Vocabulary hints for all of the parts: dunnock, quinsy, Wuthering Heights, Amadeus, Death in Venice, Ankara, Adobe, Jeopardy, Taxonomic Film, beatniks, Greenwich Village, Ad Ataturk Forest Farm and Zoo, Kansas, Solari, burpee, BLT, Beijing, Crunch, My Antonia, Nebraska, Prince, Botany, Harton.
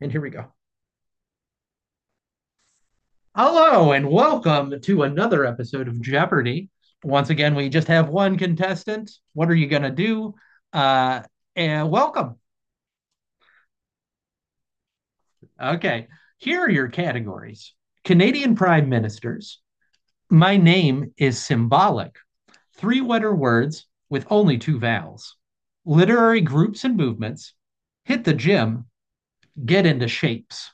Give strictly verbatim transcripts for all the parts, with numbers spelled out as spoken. And here we go. Hello and welcome to another episode of Jeopardy. Once again, we just have one contestant. What are you going to do? Uh, and welcome. Okay. Here are your categories Canadian Prime Ministers. My name is symbolic. Three letter words with only two vowels. Literary groups and movements. Hit the gym. Get into shapes.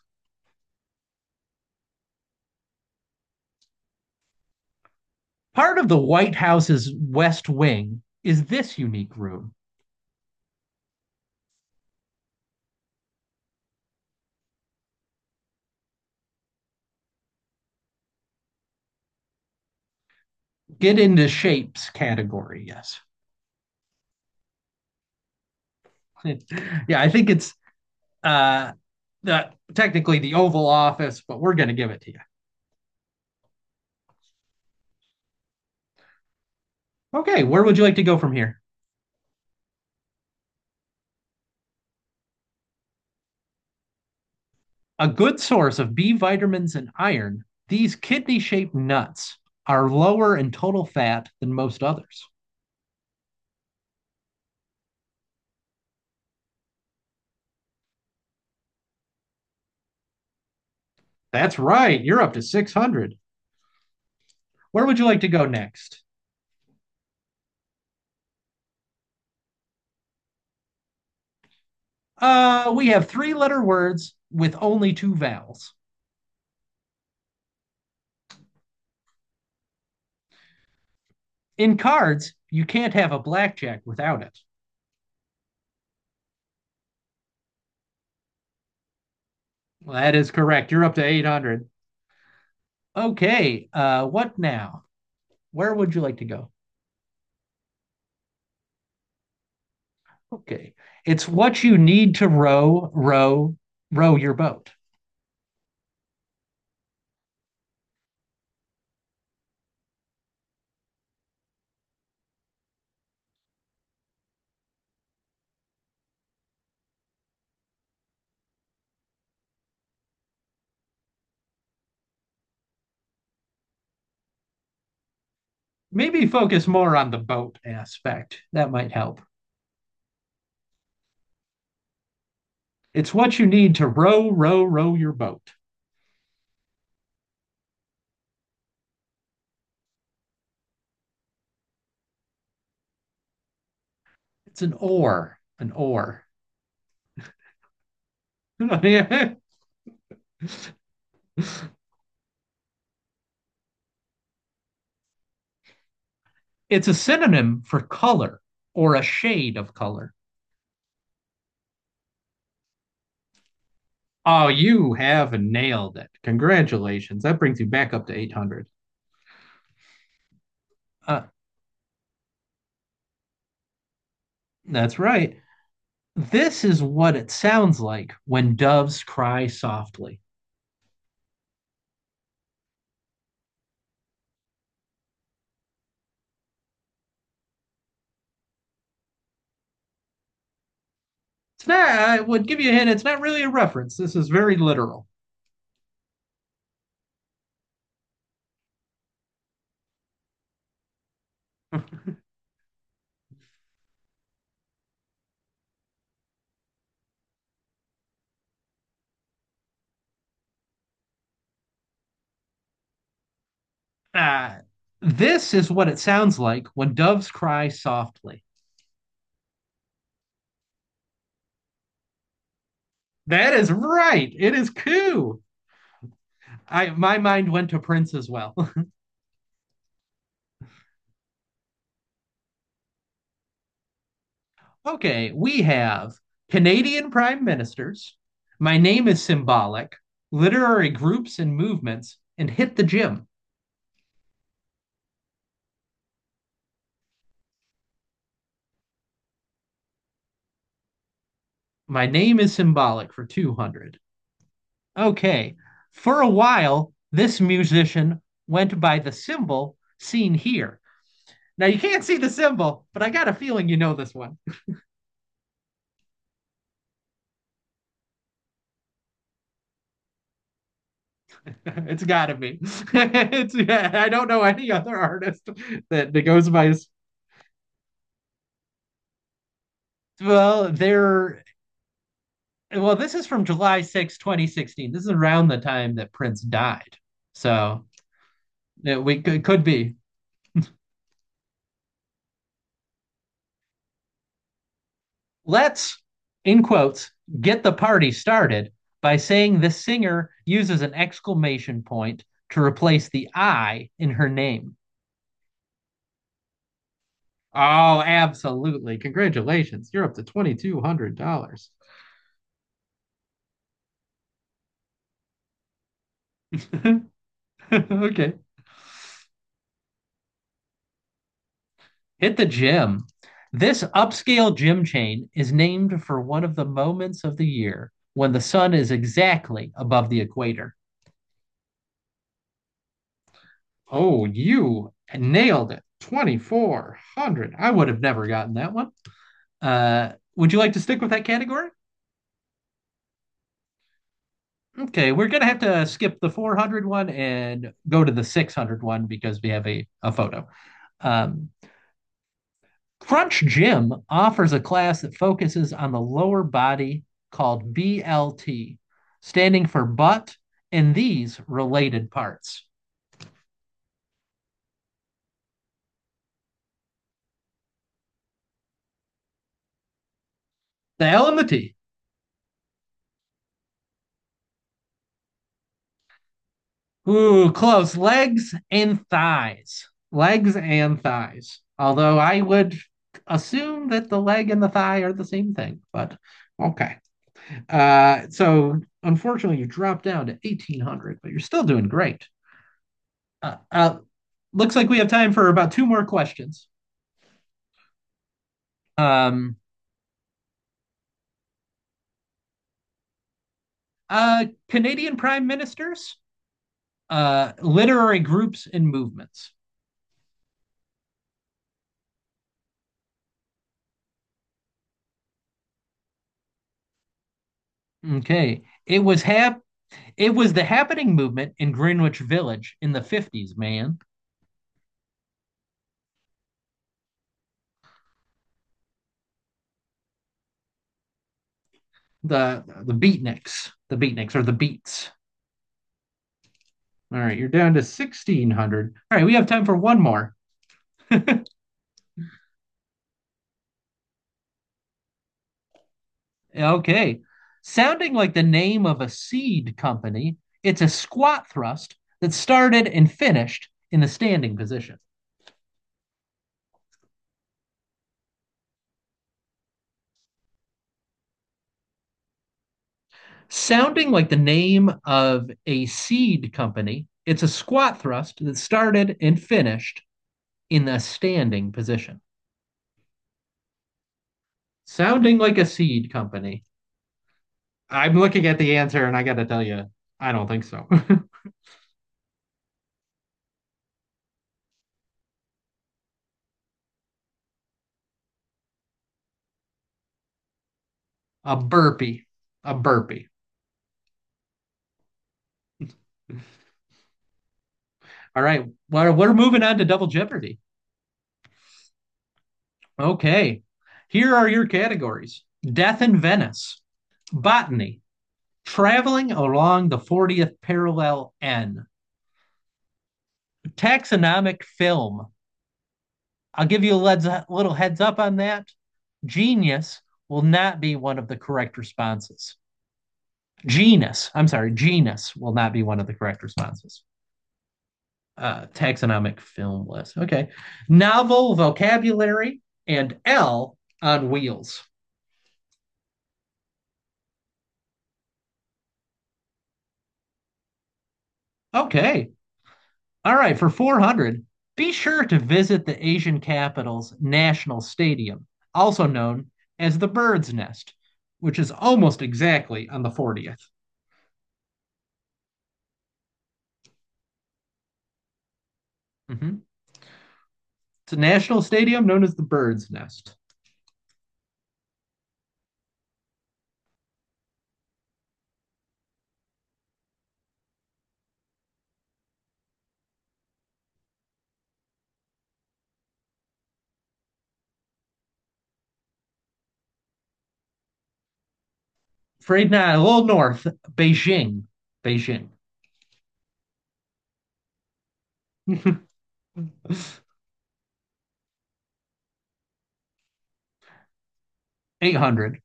Part of the White House's West Wing is this unique room. Get into shapes category. Yes. Yeah, I think it's uh, the, technically the Oval Office, but we're going to give it to you. Okay, where would you like to go from here? A good source of B vitamins and iron, these kidney shaped nuts are lower in total fat than most others. That's right. You're up to six hundred. Where would you like to go next? Uh, we have three letter words with only two vowels. In cards, you can't have a blackjack without it. Well, that is correct. You're up to eight hundred. Okay. Uh, what now? Where would you like to go? Okay. It's what you need to row, row, row your boat. Maybe focus more on the boat aspect. That might help. It's what you need to row, row, row your boat. It's an oar, an oar. It's a synonym for color or a shade of color. Oh, you have nailed it. Congratulations. That brings you back up to eight hundred. Uh, that's right. This is what it sounds like when doves cry softly. It's not, I would give you a hint, it's not really a reference. This is very literal. uh, this is what it sounds like when doves cry softly. That is right. It is coo. I My mind went to Prince as well. Okay, we have Canadian prime ministers. My name is symbolic. Literary groups and movements, and hit the gym. My name is symbolic for two hundred. Okay. For a while, this musician went by the symbol seen here. Now you can't see the symbol, but I got a feeling you know this one. It's got to be. It's, I don't know any other artist that, that goes by his. Well, there. Well, this is from July sixth, twenty sixteen. This is around the time that Prince died. So it, we it could be. Let's, in quotes, get the party started by saying the singer uses an exclamation point to replace the I in her name. Oh, absolutely. Congratulations. You're up to twenty-two hundred dollars. Okay. Hit the gym. This upscale gym chain is named for one of the moments of the year when the sun is exactly above the equator. Oh, you nailed it. twenty-four hundred. I would have never gotten that one. Uh, would you like to stick with that category? Okay, we're gonna have to skip the four hundred one and go to the six hundred one because we have a, a photo. Um, Crunch Gym offers a class that focuses on the lower body called B L T, standing for butt and these related parts. The L and the T. Ooh, close. Legs and thighs. Legs and thighs. Although I would assume that the leg and the thigh are the same thing, but okay. Uh, so unfortunately, you dropped down to eighteen hundred, but you're still doing great. Uh, uh, looks like we have time for about two more questions. Um, uh, Canadian prime ministers, uh, literary groups and movements. Okay. It was half. It was the happening movement in Greenwich Village in the fifties, man. The the beatniks, the beatniks or the beats. All right, you're down to sixteen hundred. All right, we have time for one more. Okay. Sounding like the name of a seed company, it's a squat thrust that started and finished in the standing position. Sounding like the name of a seed company, it's a squat thrust that started and finished in the standing position. Sounding like a seed company. I'm looking at the answer and I got to tell you, I don't think so. A burpee. A burpee. All right. Well, we're moving on to Double Jeopardy. Okay. Here are your categories Death in Venice, Botany, Traveling Along the fortieth Parallel N, Taxonomic Film. I'll give you a little heads up on that. Genius will not be one of the correct responses. Genus, I'm sorry, genus will not be one of the correct responses. Uh, taxonomic film list. Okay. Novel vocabulary and L on wheels. Okay. All right. For four hundred, be sure to visit the Asian capital's National Stadium, also known as the Bird's Nest, which is almost exactly on the fortieth. Mhm. It's a national stadium known as the Bird's Nest. Afraid not. A little north, Beijing. Beijing. eight hundred.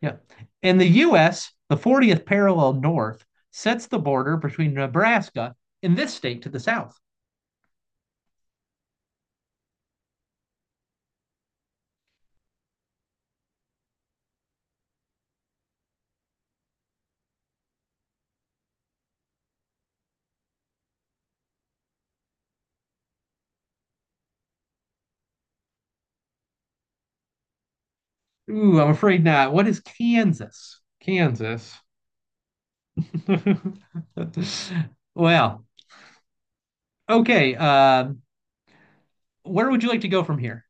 Yeah. In the U S, the fortieth parallel north sets the border between Nebraska and this state to the south. Ooh, I'm afraid not. What is Kansas? Kansas. Well, okay. Um, where would you like to go from here?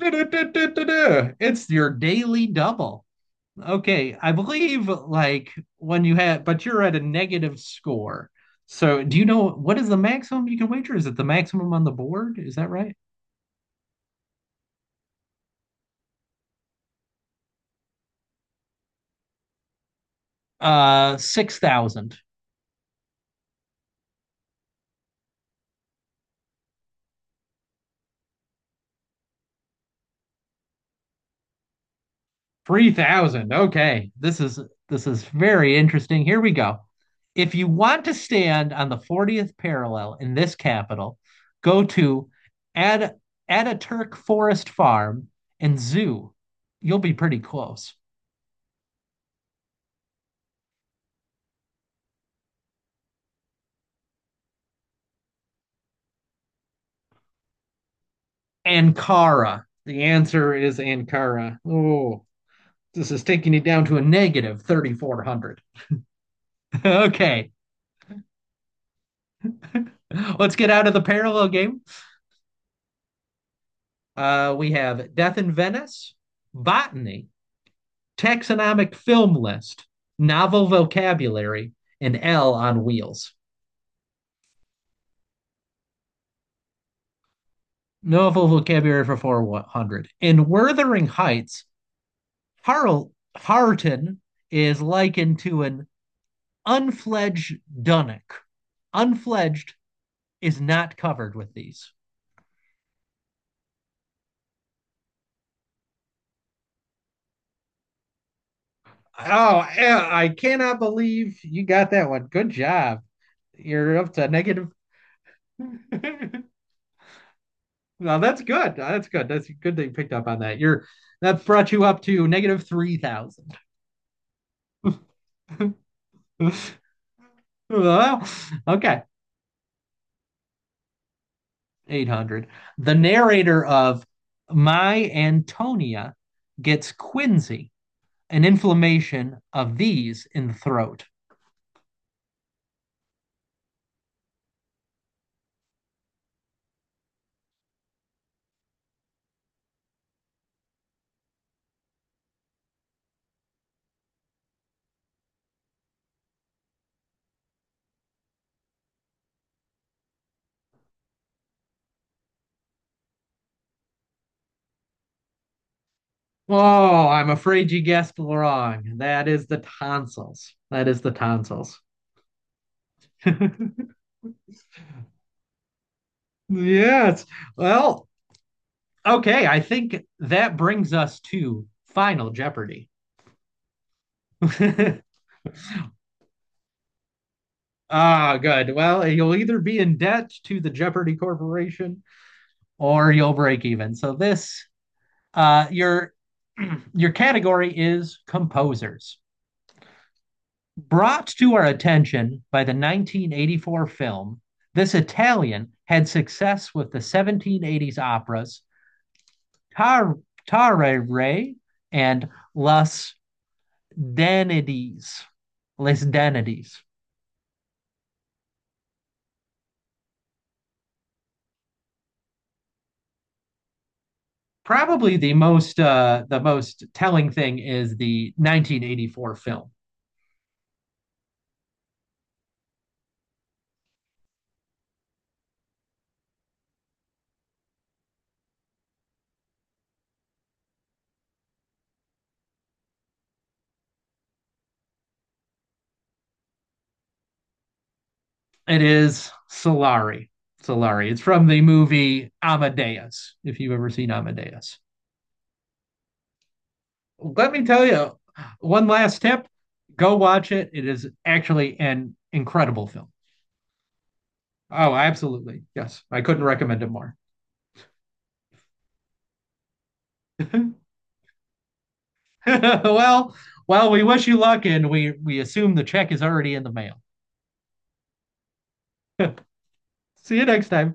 It's your daily double. Okay, I believe like when you had, but you're at a negative score. So, do you know what is the maximum you can wager? Is it the maximum on the board? Is that right? Uh, six thousand. Three thousand. Okay. This is this is very interesting. Here we go. If you want to stand on the fortieth parallel in this capital, go to Ad Ataturk Forest Farm and Zoo. You'll be pretty close. Ankara. The answer is Ankara. Oh, this is taking you down to a negative thirty-four hundred. Okay. Let's get out of the parallel game. Uh, we have Death in Venice, Botany, Taxonomic Film List, Novel Vocabulary, and L on Wheels. Novel Vocabulary for four hundred. In Wuthering Heights, Harl- Harton is likened to an unfledged dunnock. Unfledged is not covered with these. Oh, yeah, I cannot believe you got that one. Good job. You're up to negative. Well, that's good. That's good. That's good that you picked up on that. You're That brought you up to negative three thousand. Well, okay, eight hundred. The narrator of My Antonia gets quinsy, an inflammation of these in the throat. Oh, I'm afraid you guessed wrong. That is the tonsils. That is the tonsils. Yes. Well, okay, I think that brings us to Final Jeopardy. Ah, good. Well, you'll either be in debt to the Jeopardy Corporation or you'll break even. So this uh your your category is composers. Brought to our attention by the nineteen eighty-four film, this Italian had success with the seventeen eighties operas Tar- Tare and Las danities, les danities. Probably the most uh, the most telling thing is the nineteen eighty-four film. It is Solari. Solari. It's from the movie Amadeus. If you've ever seen Amadeus, let me tell you one last tip: go watch it. It is actually an incredible film. Oh, absolutely. Yes. I couldn't recommend it more. Well, well, we wish you luck and we we assume the check is already in the mail. See you next time.